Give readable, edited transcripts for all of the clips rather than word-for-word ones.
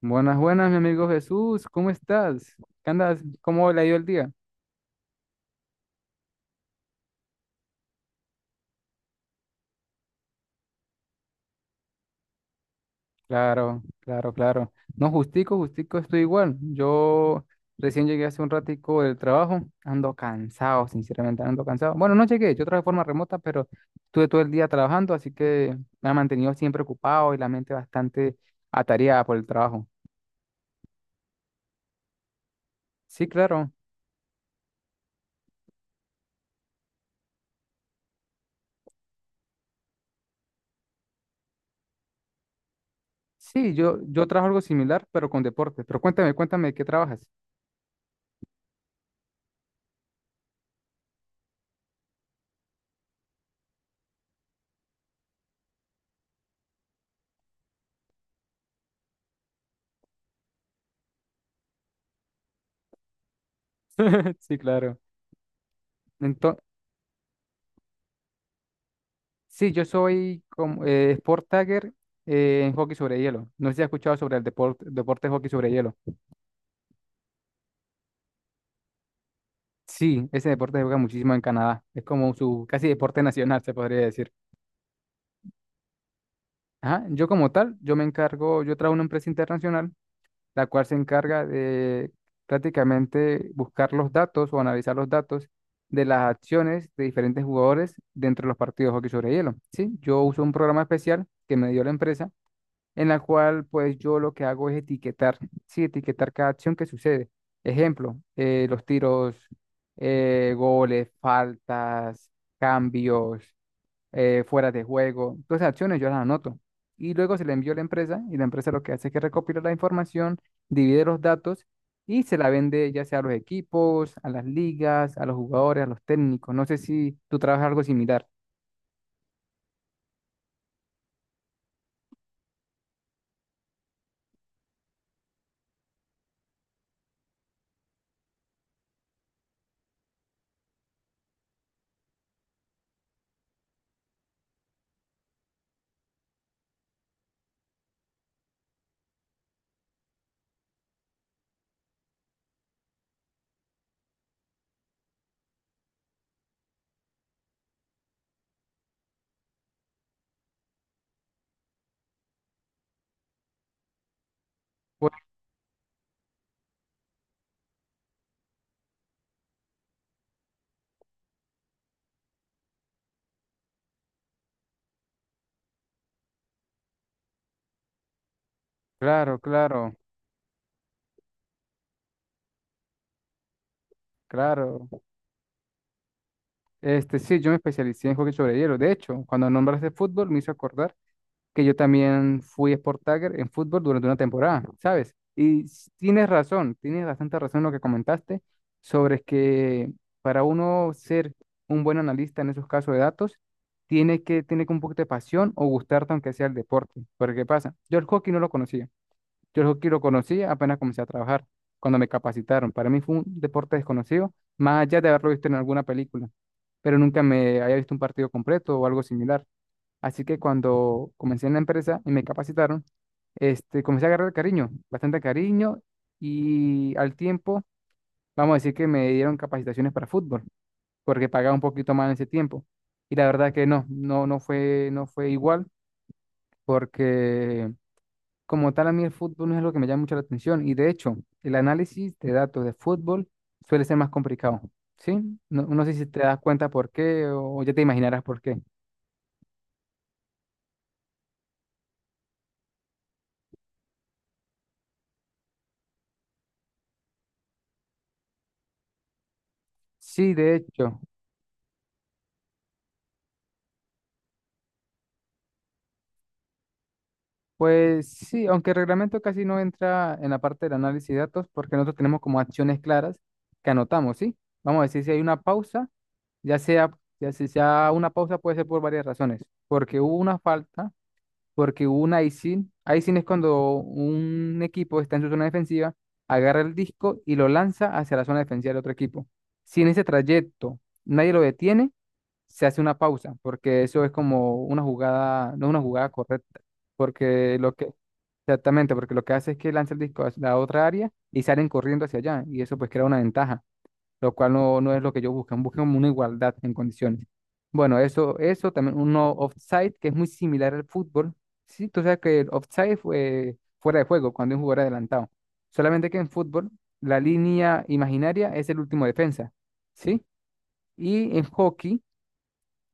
Buenas, buenas, mi amigo Jesús, ¿cómo estás? ¿Qué andas? ¿Cómo le ha ido el día? Claro, claro, claro. No, justico, justico, estoy igual. Yo recién llegué hace un ratico del trabajo, ando cansado, sinceramente, ando cansado. Bueno, no llegué, yo trabajé de forma remota, pero estuve todo el día trabajando, así que me ha mantenido siempre ocupado y la mente bastante atareada por el trabajo. Sí, claro. Sí, yo trabajo algo similar, pero con deporte. Pero cuéntame, cuéntame, ¿de ¿qué trabajas? Sí, claro. Ento- Sí, yo soy como, sport tagger en hockey sobre hielo. No sé si has escuchado sobre el deporte de hockey sobre hielo. Sí, ese deporte se juega muchísimo en Canadá. Es como su casi deporte nacional, se podría decir. Ajá, yo como tal, yo me encargo, yo trabajo en una empresa internacional, la cual se encarga de prácticamente buscar los datos o analizar los datos de las acciones de diferentes jugadores dentro de los partidos de hockey sobre hielo. Sí, yo uso un programa especial que me dio la empresa en la cual pues yo lo que hago es etiquetar, sí, etiquetar cada acción que sucede. Ejemplo, los tiros, goles, faltas, cambios, fuera de juego, todas esas acciones yo las anoto. Y luego se le envió a la empresa y la empresa lo que hace es que recopila la información, divide los datos y se la vende ya sea a los equipos, a las ligas, a los jugadores, a los técnicos. No sé si tú trabajas algo similar. Pues claro, claro, claro. Este, sí, yo me especialicé en hockey sobre hielo. De hecho, cuando nombraste fútbol, me hizo acordar que yo también fui Sport Tagger en fútbol durante una temporada, ¿sabes? Tienes razón, tienes bastante razón en lo que comentaste sobre que para uno ser un buen analista en esos casos de datos, tiene que tener un poquito de pasión o gustarte aunque sea el deporte. Porque, ¿qué pasa? Yo el hockey no lo conocía. Yo el hockey lo conocía apenas comencé a trabajar, cuando me capacitaron. Para mí fue un deporte desconocido, más allá de haberlo visto en alguna película, pero nunca me había visto un partido completo o algo similar. Así que cuando comencé en la empresa y me capacitaron, este, comencé a agarrar cariño, bastante cariño, y al tiempo, vamos a decir que me dieron capacitaciones para fútbol, porque pagaba un poquito más en ese tiempo. Y la verdad que no, no, no fue igual, porque como tal a mí el fútbol no es lo que me llama mucho la atención, y de hecho, el análisis de datos de fútbol suele ser más complicado, ¿sí? No, no sé si te das cuenta por qué o ya te imaginarás por qué. Sí, de hecho, pues sí, aunque el reglamento casi no entra en la parte del análisis de datos porque nosotros tenemos como acciones claras que anotamos, ¿sí? Vamos a decir si hay una pausa, ya sea, ya si sea una pausa puede ser por varias razones, porque hubo una falta, porque hubo un icing. Icing es cuando un equipo está en su zona defensiva, agarra el disco y lo lanza hacia la zona defensiva del otro equipo. Si en ese trayecto nadie lo detiene, se hace una pausa, porque eso es como una jugada, no es una jugada correcta, porque exactamente, porque lo que hace es que lanza el disco a la otra área y salen corriendo hacia allá, y eso pues crea una ventaja, lo cual no, no es lo que ellos buscan, buscan una igualdad en condiciones. Bueno, eso también, uno offside, que es muy similar al fútbol. Sí, tú sabes que el offside fue fuera de juego, cuando es un jugador adelantado. Solamente que en fútbol, la línea imaginaria es el último defensa, ¿sí? Y en hockey,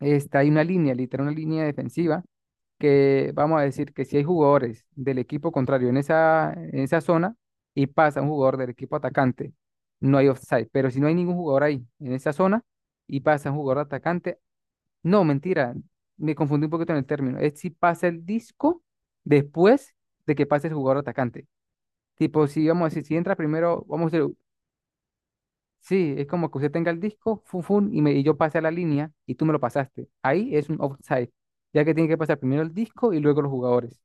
Hay una línea, literal, una línea defensiva, que vamos a decir que si hay jugadores del equipo contrario en esa zona y pasa un jugador del equipo atacante, no hay offside. Pero si no hay ningún jugador ahí en esa zona y pasa un jugador atacante, no, mentira, me confundí un poquito en el término. Es si pasa el disco después de que pase el jugador atacante. Tipo, si vamos a decir, si entra primero, vamos a decir, sí, es como que usted tenga el disco, fun, fun, y yo pasé a la línea y tú me lo pasaste. Ahí es un offside, ya que tiene que pasar primero el disco y luego los jugadores.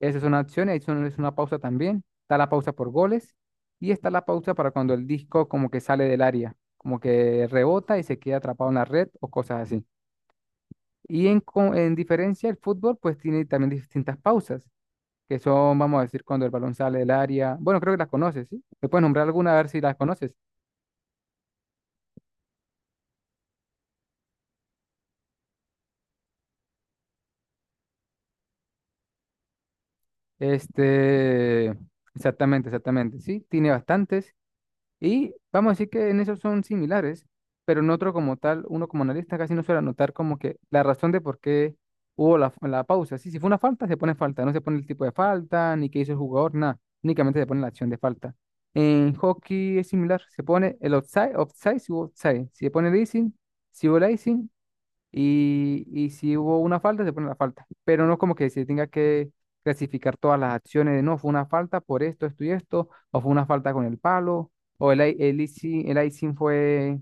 Esa es una acción, es una pausa también. Está la pausa por goles y está la pausa para cuando el disco como que sale del área, como que rebota y se queda atrapado en la red o cosas así. Y en diferencia, el fútbol pues tiene también distintas pausas, que son, vamos a decir, cuando el balón sale del área. Bueno, creo que las conoces, ¿sí? ¿Me puedes nombrar alguna a ver si las conoces? Este, exactamente, exactamente, sí, tiene bastantes. Y vamos a decir que en esos son similares, pero en otro como tal, uno como analista casi no suele anotar como que la razón de por qué hubo la pausa. Sí, si fue una falta, se pone falta, no se pone el tipo de falta, ni qué hizo el jugador, nada, únicamente se pone la acción de falta. En hockey es similar, se pone el offside, offside, si hubo offside, si se pone el icing, si hubo el icing y si hubo una falta, se pone la falta. Pero no es como que se tenga que clasificar todas las acciones de no, fue una falta por esto, esto y esto, o fue una falta con el palo, o el icing fue,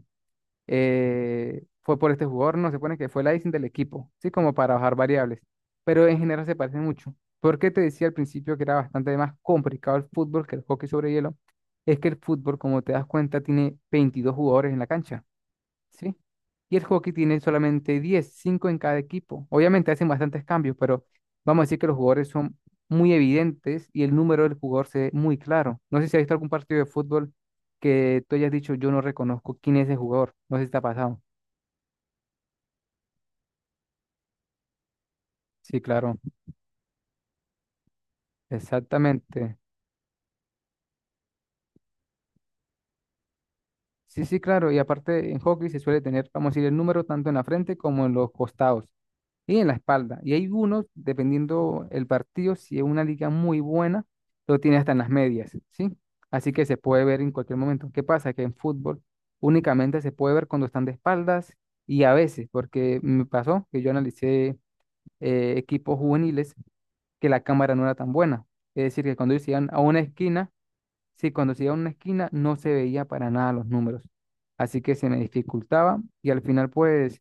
eh, fue por este jugador, no, se pone que fue el icing del equipo, ¿sí? Como para bajar variables. Pero en general se parecen mucho. Porque te decía al principio que era bastante más complicado el fútbol que el hockey sobre hielo, es que el fútbol, como te das cuenta, tiene 22 jugadores en la cancha. ¿Sí? Y el hockey tiene solamente 10, 5 en cada equipo. Obviamente hacen bastantes cambios, pero vamos a decir que los jugadores son muy evidentes y el número del jugador se ve muy claro. No sé si has visto algún partido de fútbol que tú hayas dicho, yo no reconozco quién es el jugador. No sé si te ha pasado. Sí, claro, exactamente. Sí, sí, claro. Y aparte en hockey se suele tener, vamos a decir, el número tanto en la frente como en los costados, y en la espalda. Y hay unos, dependiendo el partido, si es una liga muy buena, lo tiene hasta en las medias, ¿sí? Así que se puede ver en cualquier momento. ¿Qué pasa? Que en fútbol únicamente se puede ver cuando están de espaldas y a veces, porque me pasó que yo analicé equipos juveniles, que la cámara no era tan buena. Es decir, que cuando ellos iban a una esquina, sí, cuando se iba a una esquina no se veía para nada los números. Así que se me dificultaba y al final pues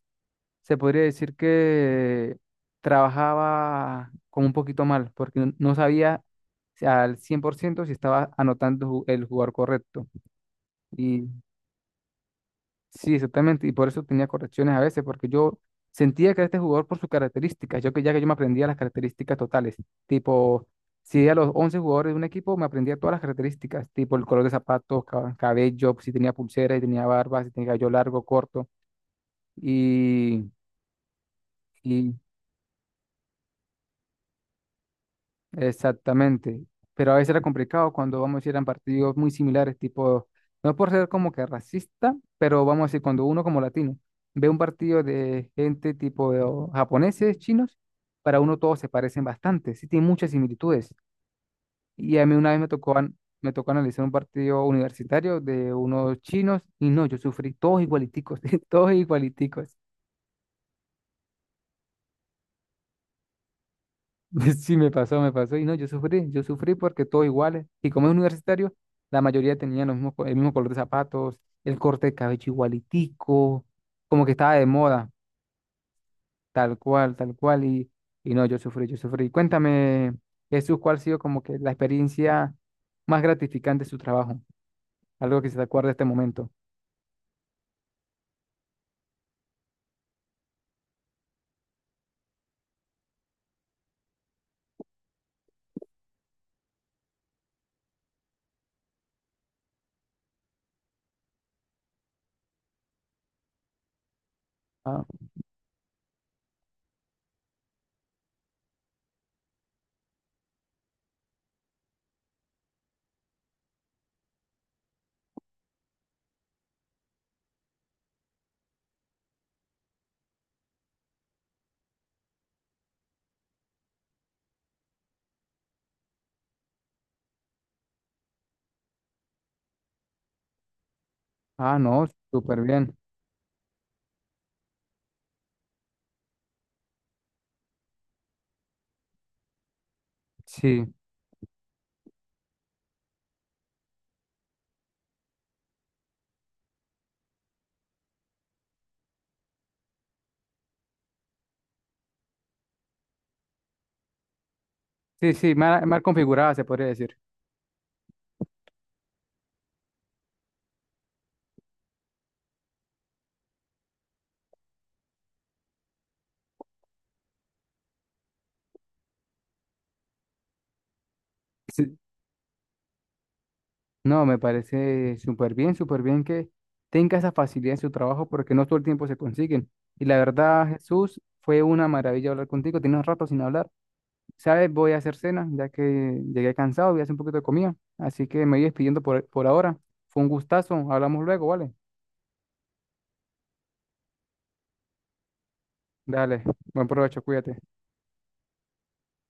se podría decir que trabajaba como un poquito mal, porque no no sabía si al 100% si estaba anotando el jugador correcto. Y sí, exactamente, y por eso tenía correcciones a veces, porque yo sentía que este jugador por sus características, yo que ya que yo me aprendía las características totales, tipo, si a los 11 jugadores de un equipo me aprendía todas las características, tipo el color de zapatos, cabello, si tenía pulsera, si tenía barba, si tenía cabello largo, corto, y... Y Exactamente, pero a veces era complicado cuando vamos a ir a partidos muy similares, tipo, no por ser como que racista, pero vamos a decir, cuando uno como latino ve un partido de gente tipo o japoneses, chinos, para uno todos se parecen bastante, sí tienen muchas similitudes. Y a mí una vez me tocó analizar un partido universitario de unos chinos y no, yo sufrí todos igualiticos, todos igualiticos. Sí, me pasó, me pasó. Y no, yo sufrí porque todos iguales. Y como es universitario, la mayoría tenían el mismo color de zapatos, el corte de cabello igualitico, como que estaba de moda, tal cual, tal cual. Y no, yo sufrí, yo sufrí. Cuéntame, Jesús, ¿cuál ha sido como que la experiencia más gratificante de su trabajo? Algo que se te acuerde de este momento. Ah, ah, no, súper bien. Sí, sí, sí, mal, mal configurada, se podría decir. Sí. No, me parece súper bien que tenga esa facilidad en su trabajo porque no todo el tiempo se consiguen. Y la verdad, Jesús, fue una maravilla hablar contigo. Tienes un rato sin hablar. ¿Sabes? Voy a hacer cena, ya que llegué cansado, voy a hacer un poquito de comida. Así que me voy despidiendo por ahora. Fue un gustazo. Hablamos luego, ¿vale? Dale, buen provecho, cuídate.